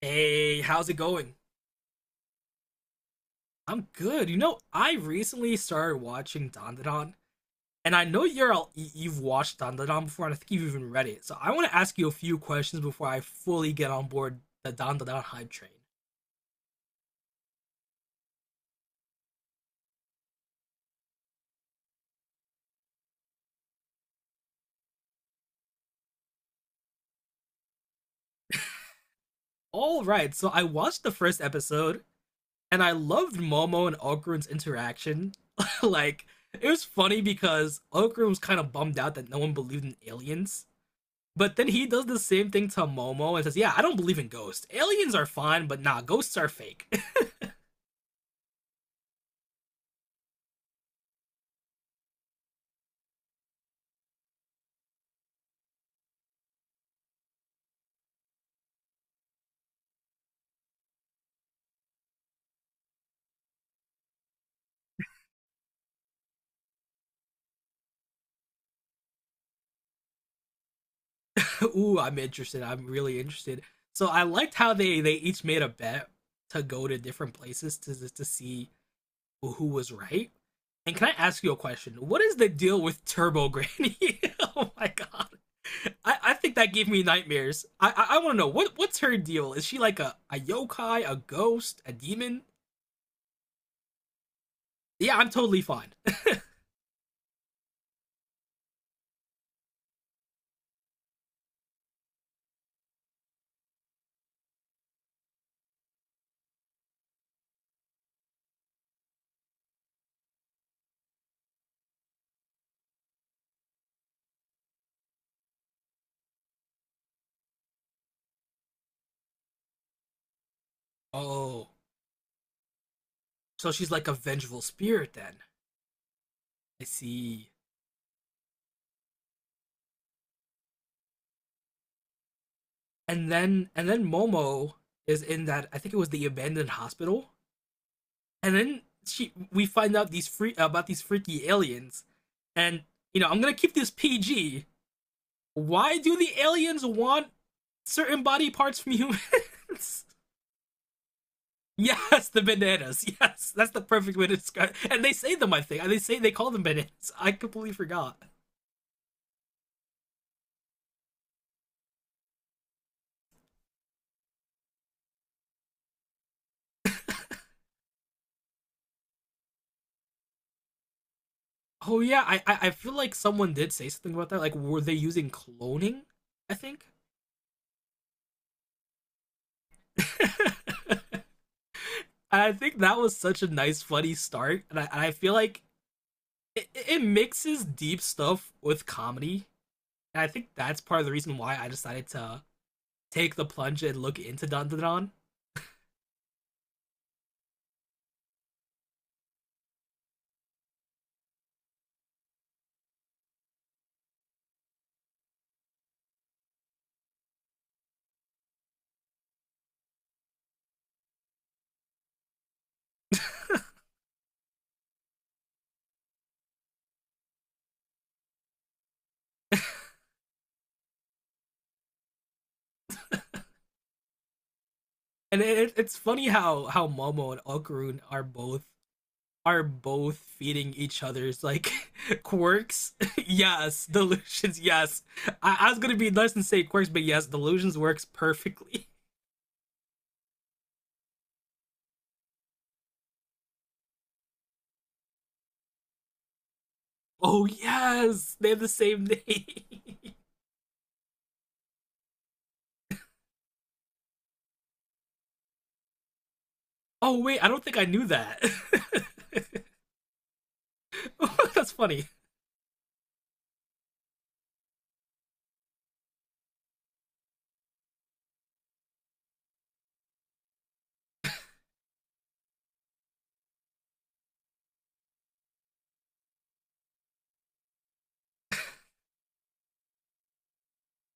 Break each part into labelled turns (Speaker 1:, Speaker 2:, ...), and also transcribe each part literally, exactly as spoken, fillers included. Speaker 1: Hey, how's it going? I'm good. You know, I recently started watching Dandadan, and I know you're all, y- you've watched Dandadan before, and I think you've even read it. So I want to ask you a few questions before I fully get on board the Dandadan hype train. All right, so I watched the first episode, and I loved Momo and Okrun's interaction. Like, it was funny because Okrun was kind of bummed out that no one believed in aliens. But then he does the same thing to Momo and says, "Yeah, I don't believe in ghosts. Aliens are fine, but nah, ghosts are fake." Ooh, I'm interested. I'm really interested. So I liked how they they each made a bet to go to different places to to see who was right. And can I ask you a question? What is the deal with Turbo Granny? Oh my god. I, I think that gave me nightmares. I I, I want to know what what's her deal? Is she like a a yokai, a ghost, a demon? Yeah, I'm totally fine. Oh. So she's like a vengeful spirit then. I see. And then and then Momo is in that, I think it was the abandoned hospital. And then she we find out these free about these freaky aliens. And you know, I'm going to keep this P G. Why do the aliens want certain body parts from humans? Yes, the bananas. Yes, that's the perfect way to describe it. And they say them, I think. They say they call them bananas. I completely forgot. Oh yeah, I, I I feel like someone did say something about that. Like, were they using cloning? I think. And I think that was such a nice, funny start, and I and I feel like it, it mixes deep stuff with comedy, and I think that's part of the reason why I decided to take the plunge and look into Dandadan. And it, it's funny how how Momo and Okurun are both are both feeding each other's, like, quirks. Yes, delusions. Yes, I-, I was gonna be nice and say quirks, but yes, delusions works perfectly. Oh yes, they have the same name. Oh wait, I don't think I knew that. That's funny.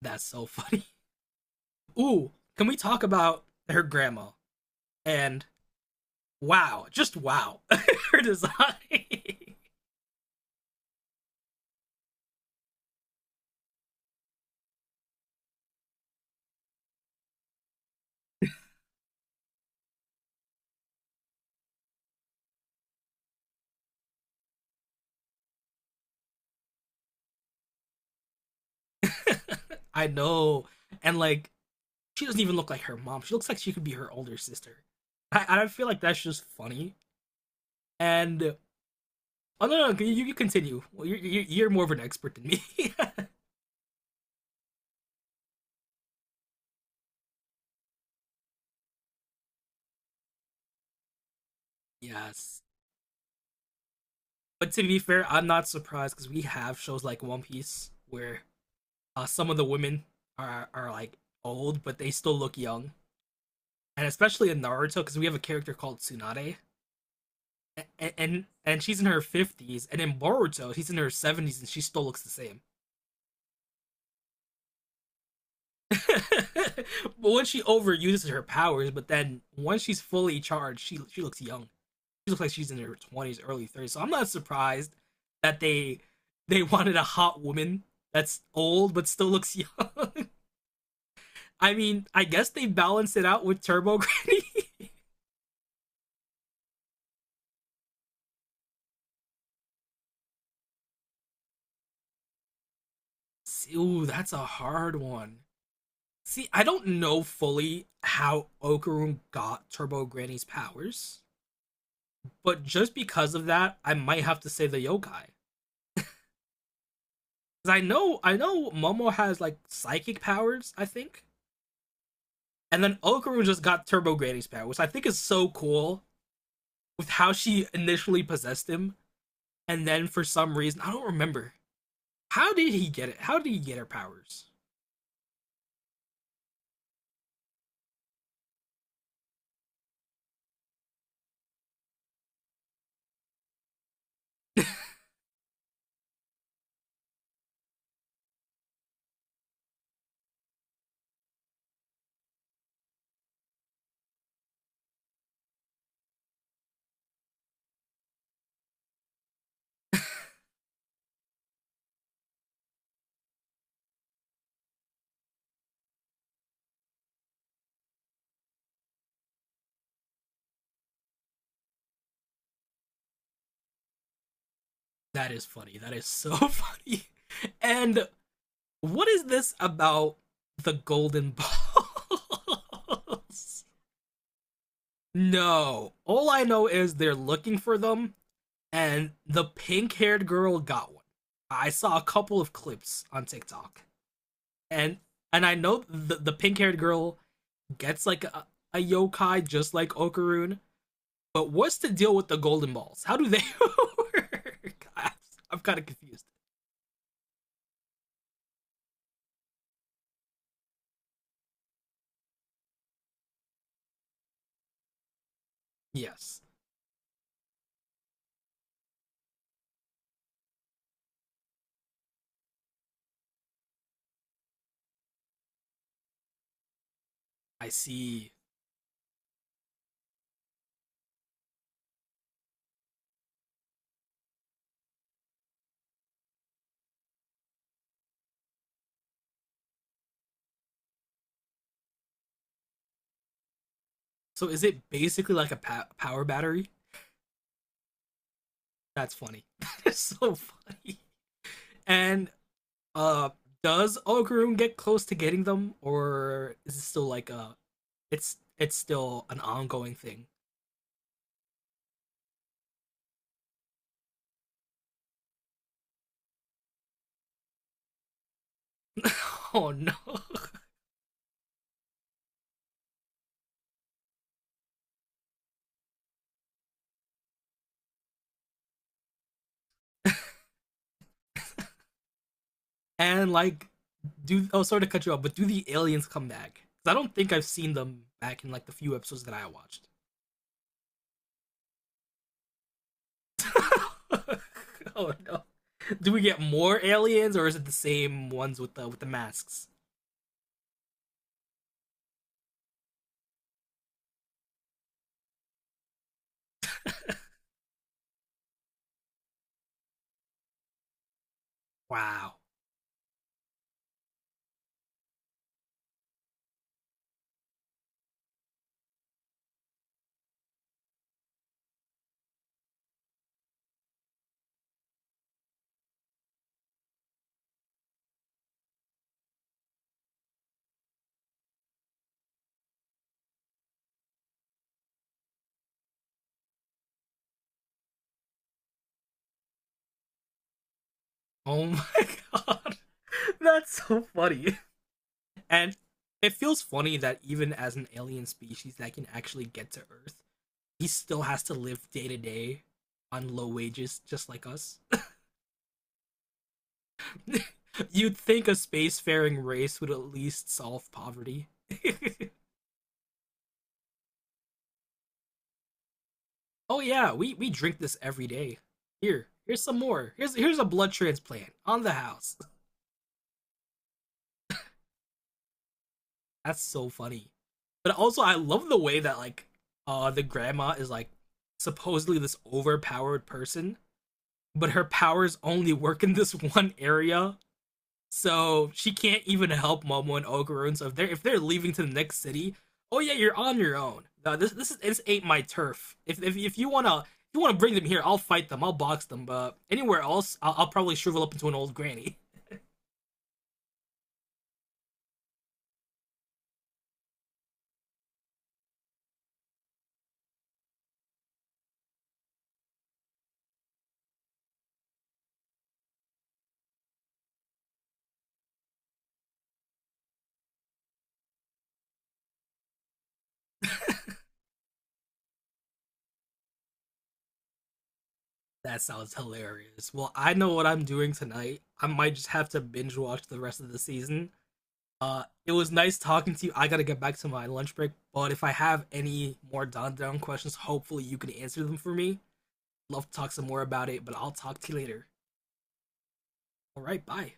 Speaker 1: That's so funny. Ooh, can we talk about her grandma? And wow, just wow, her design. I know, and like she doesn't even look like her mom. She looks like she could be her older sister. I, I feel like that's just funny. And oh no, no, you, you continue. Well, you're you're more of an expert than me. Yes, but to be fair, I'm not surprised because we have shows like One Piece where uh, some of the women are are like old, but they still look young. And especially in Naruto, because we have a character called Tsunade, and and, and she's in her fifties, and in Boruto, she's in her seventies, and she still looks the same. But once she overuses her powers, but then once she's fully charged, she she looks young. She looks like she's in her twenties, early thirties. So I'm not surprised that they they wanted a hot woman that's old but still looks young. I mean, I guess they balanced it out with Turbo Granny. Ooh, that's a hard one. See, I don't know fully how Okarum got Turbo Granny's powers, but just because of that, I might have to say the yokai. Cause I know I know Momo has like psychic powers, I think. And then Okaru just got Turbo Granny's power, which I think is so cool with how she initially possessed him. And then for some reason, I don't remember. How did he get it? How did he get her powers? That is funny. That is so funny. And what is this about the golden balls? No. All I know is they're looking for them and the pink haired girl got one. I saw a couple of clips on TikTok, and and I know the the pink haired girl gets like a, a yokai just like Okaroon. But what's the deal with the golden balls? How do they work? I, I'm kind of confused. Yes, I see. So is it basically like a pa- power battery? That's funny. That's so funny. And uh, does Okaroon get close to getting them, or is it still like a it's it's still an ongoing thing. Oh no. And like do oh, sorry to cut you off, but do the aliens come back? 'Cause I don't think I've seen them back in like the few episodes that I watched. Oh no. Do we get more aliens or is it the same ones with the with the masks? Wow. Oh my god. That's so funny. And it feels funny that even as an alien species that can actually get to Earth he still has to live day to day on low wages, just like us. You'd think a spacefaring race would at least solve poverty. Oh yeah, we we drink this every day. Here, here's some more. Here's here's a blood transplant on the house. That's so funny. But also, I love the way that like uh the grandma is like supposedly this overpowered person, but her powers only work in this one area. So she can't even help Momo and Ogurun. So if they're if they're leaving to the next city, oh yeah, you're on your own. Uh, this this is this ain't my turf. If if, if you wanna if you wanna bring them here, I'll fight them. I'll box them. But anywhere else, I'll, I'll probably shrivel up into an old granny. That sounds hilarious. Well, I know what I'm doing tonight. I might just have to binge watch the rest of the season. Uh, it was nice talking to you. I gotta get back to my lunch break, but if I have any more Don Don questions, hopefully you can answer them for me. Love to talk some more about it, but I'll talk to you later. All right, bye.